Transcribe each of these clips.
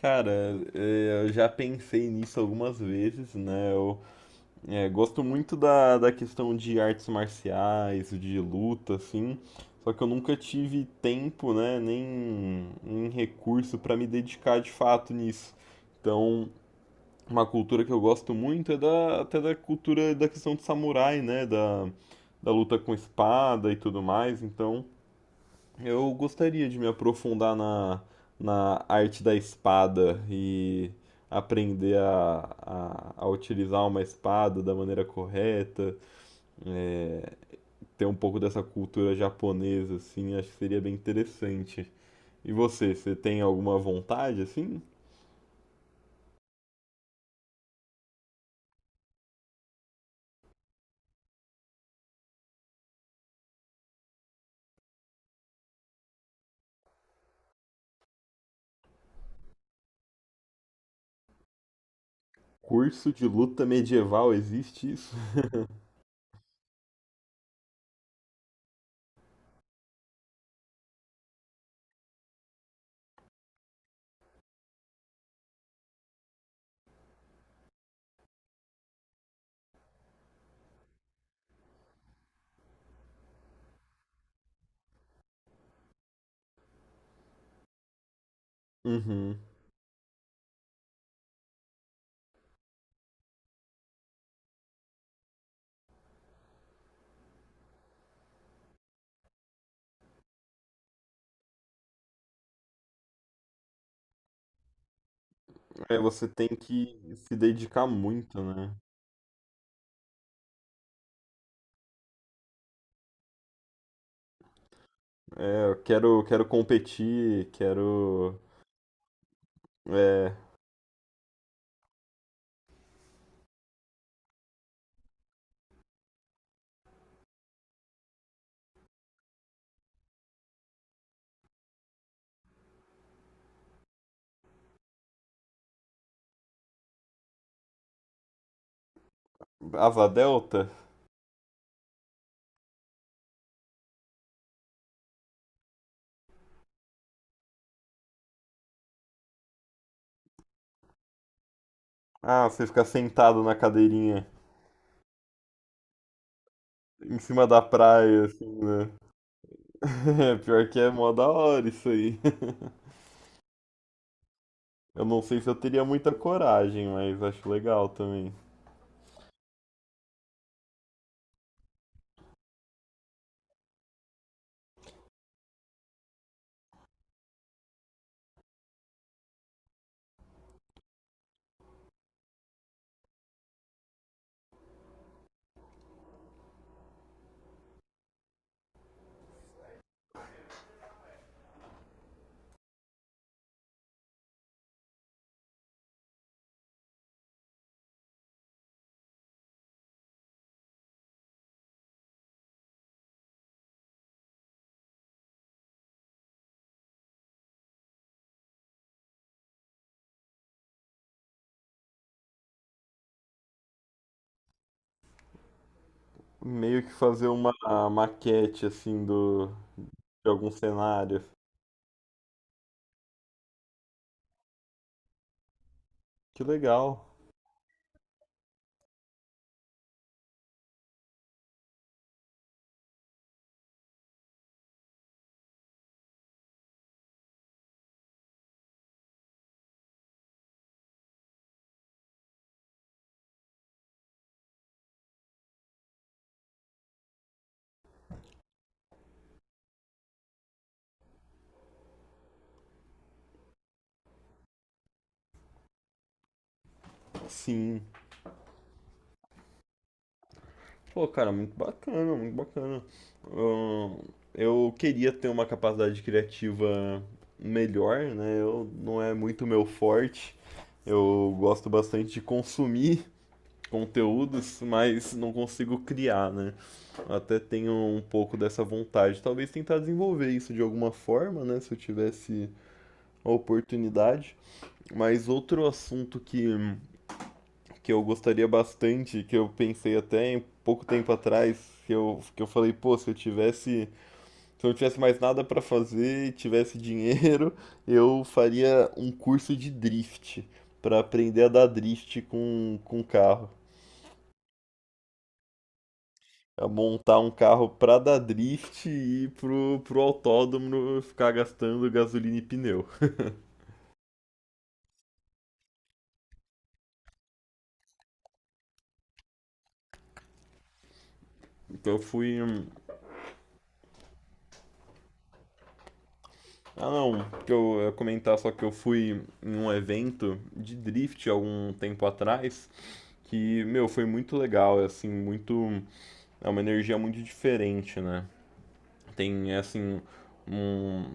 Cara, eu já pensei nisso algumas vezes, né? Gosto muito da questão de artes marciais, de luta, assim. Só que eu nunca tive tempo, né? Nem recurso para me dedicar de fato nisso. Então, uma cultura que eu gosto muito é da, até da cultura da questão de samurai, né? Da, da luta com espada e tudo mais. Então, eu gostaria de me aprofundar na arte da espada e aprender a utilizar uma espada da maneira correta, é, ter um pouco dessa cultura japonesa, assim, acho que seria bem interessante. E você, você tem alguma vontade, assim? Curso de luta medieval, existe isso? Uhum. É, você tem que se dedicar muito, né? É, eu quero, quero competir, quero. É, asa delta? Ah, você ficar sentado na cadeirinha em cima da praia, assim, né? Pior que é mó da hora isso aí. Eu não sei se eu teria muita coragem, mas acho legal também. Meio que fazer uma maquete, assim, do, de algum cenário. Que legal. Sim. Pô, cara, muito bacana, muito bacana. Ahn, Eu queria ter uma capacidade criativa melhor, né? Eu não é muito meu forte. Eu gosto bastante de consumir conteúdos, mas não consigo criar, né? Até tenho um pouco dessa vontade. Talvez tentar desenvolver isso de alguma forma, né? Se eu tivesse a oportunidade. Mas outro assunto que eu gostaria bastante, que eu pensei até em pouco tempo atrás, que eu falei, pô, se eu tivesse, se eu não tivesse mais nada para fazer e tivesse dinheiro, eu faria um curso de drift, para aprender a dar drift com carro. A montar um carro para dar drift e ir pro autódromo ficar gastando gasolina e pneu. Então eu fui. Hum, ah não, que eu ia comentar só que eu fui em um evento de drift algum tempo atrás. Que, meu, foi muito legal, é, assim, muito, é uma energia muito diferente, né? Tem, é, assim, um,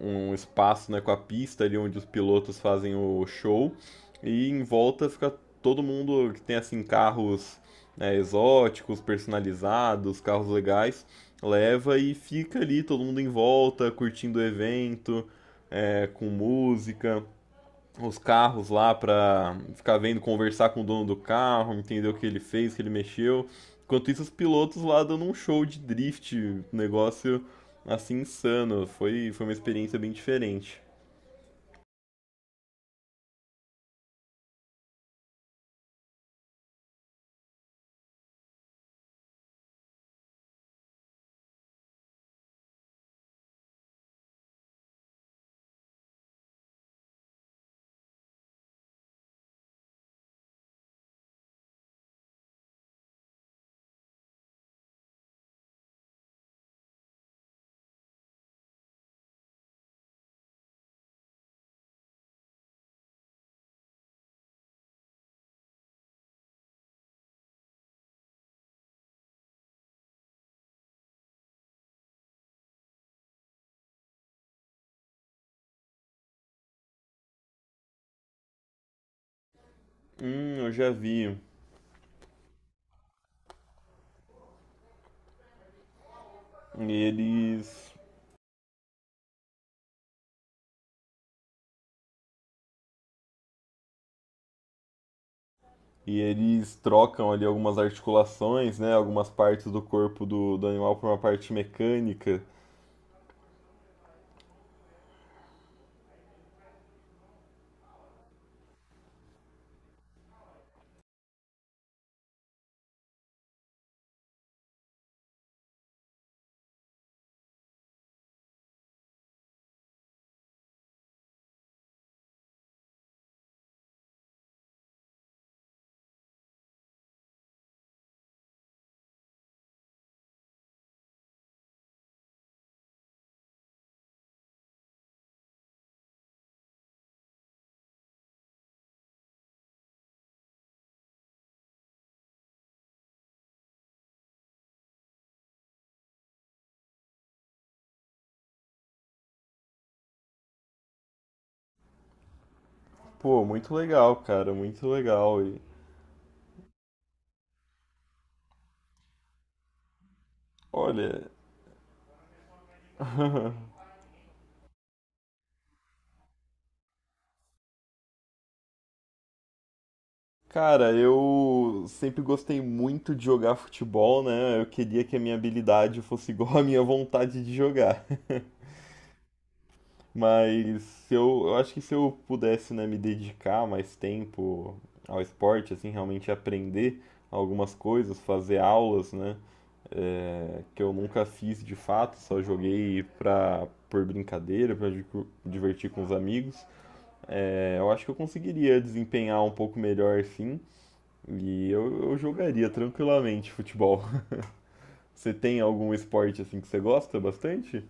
um espaço, né, com a pista ali onde os pilotos fazem o show e em volta fica todo mundo que tem, assim, carros, né, exóticos, personalizados, carros legais, leva e fica ali todo mundo em volta, curtindo o evento, é, com música, os carros lá pra ficar vendo, conversar com o dono do carro, entender o que ele fez, o que ele mexeu. Enquanto isso, os pilotos lá dando um show de drift, um negócio assim insano. Foi, foi uma experiência bem diferente. Eu já vi. E eles. E eles trocam ali algumas articulações, né? Algumas partes do corpo do animal por uma parte mecânica. Pô, muito legal, cara, muito legal. E, olha, cara, eu sempre gostei muito de jogar futebol, né? Eu queria que a minha habilidade fosse igual à minha vontade de jogar. Mas se eu, eu acho que se eu pudesse, né, me dedicar mais tempo ao esporte, assim, realmente aprender algumas coisas, fazer aulas, né? É, que eu nunca fiz de fato, só joguei pra, por brincadeira, divertir com os amigos. É, eu acho que eu conseguiria desempenhar um pouco melhor, sim. Eu jogaria tranquilamente futebol. Você tem algum esporte assim que você gosta bastante?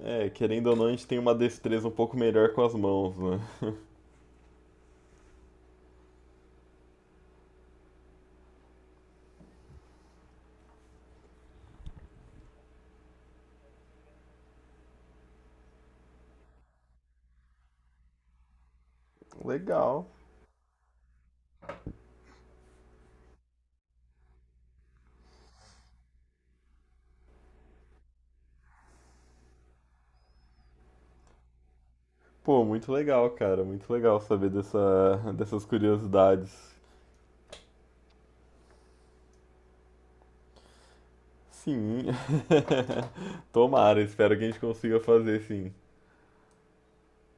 É, querendo ou não, a gente tem uma destreza um pouco melhor com as mãos, né? Legal. Pô, muito legal, cara. Muito legal saber dessa, dessas curiosidades. Sim. Tomara, espero que a gente consiga fazer, sim.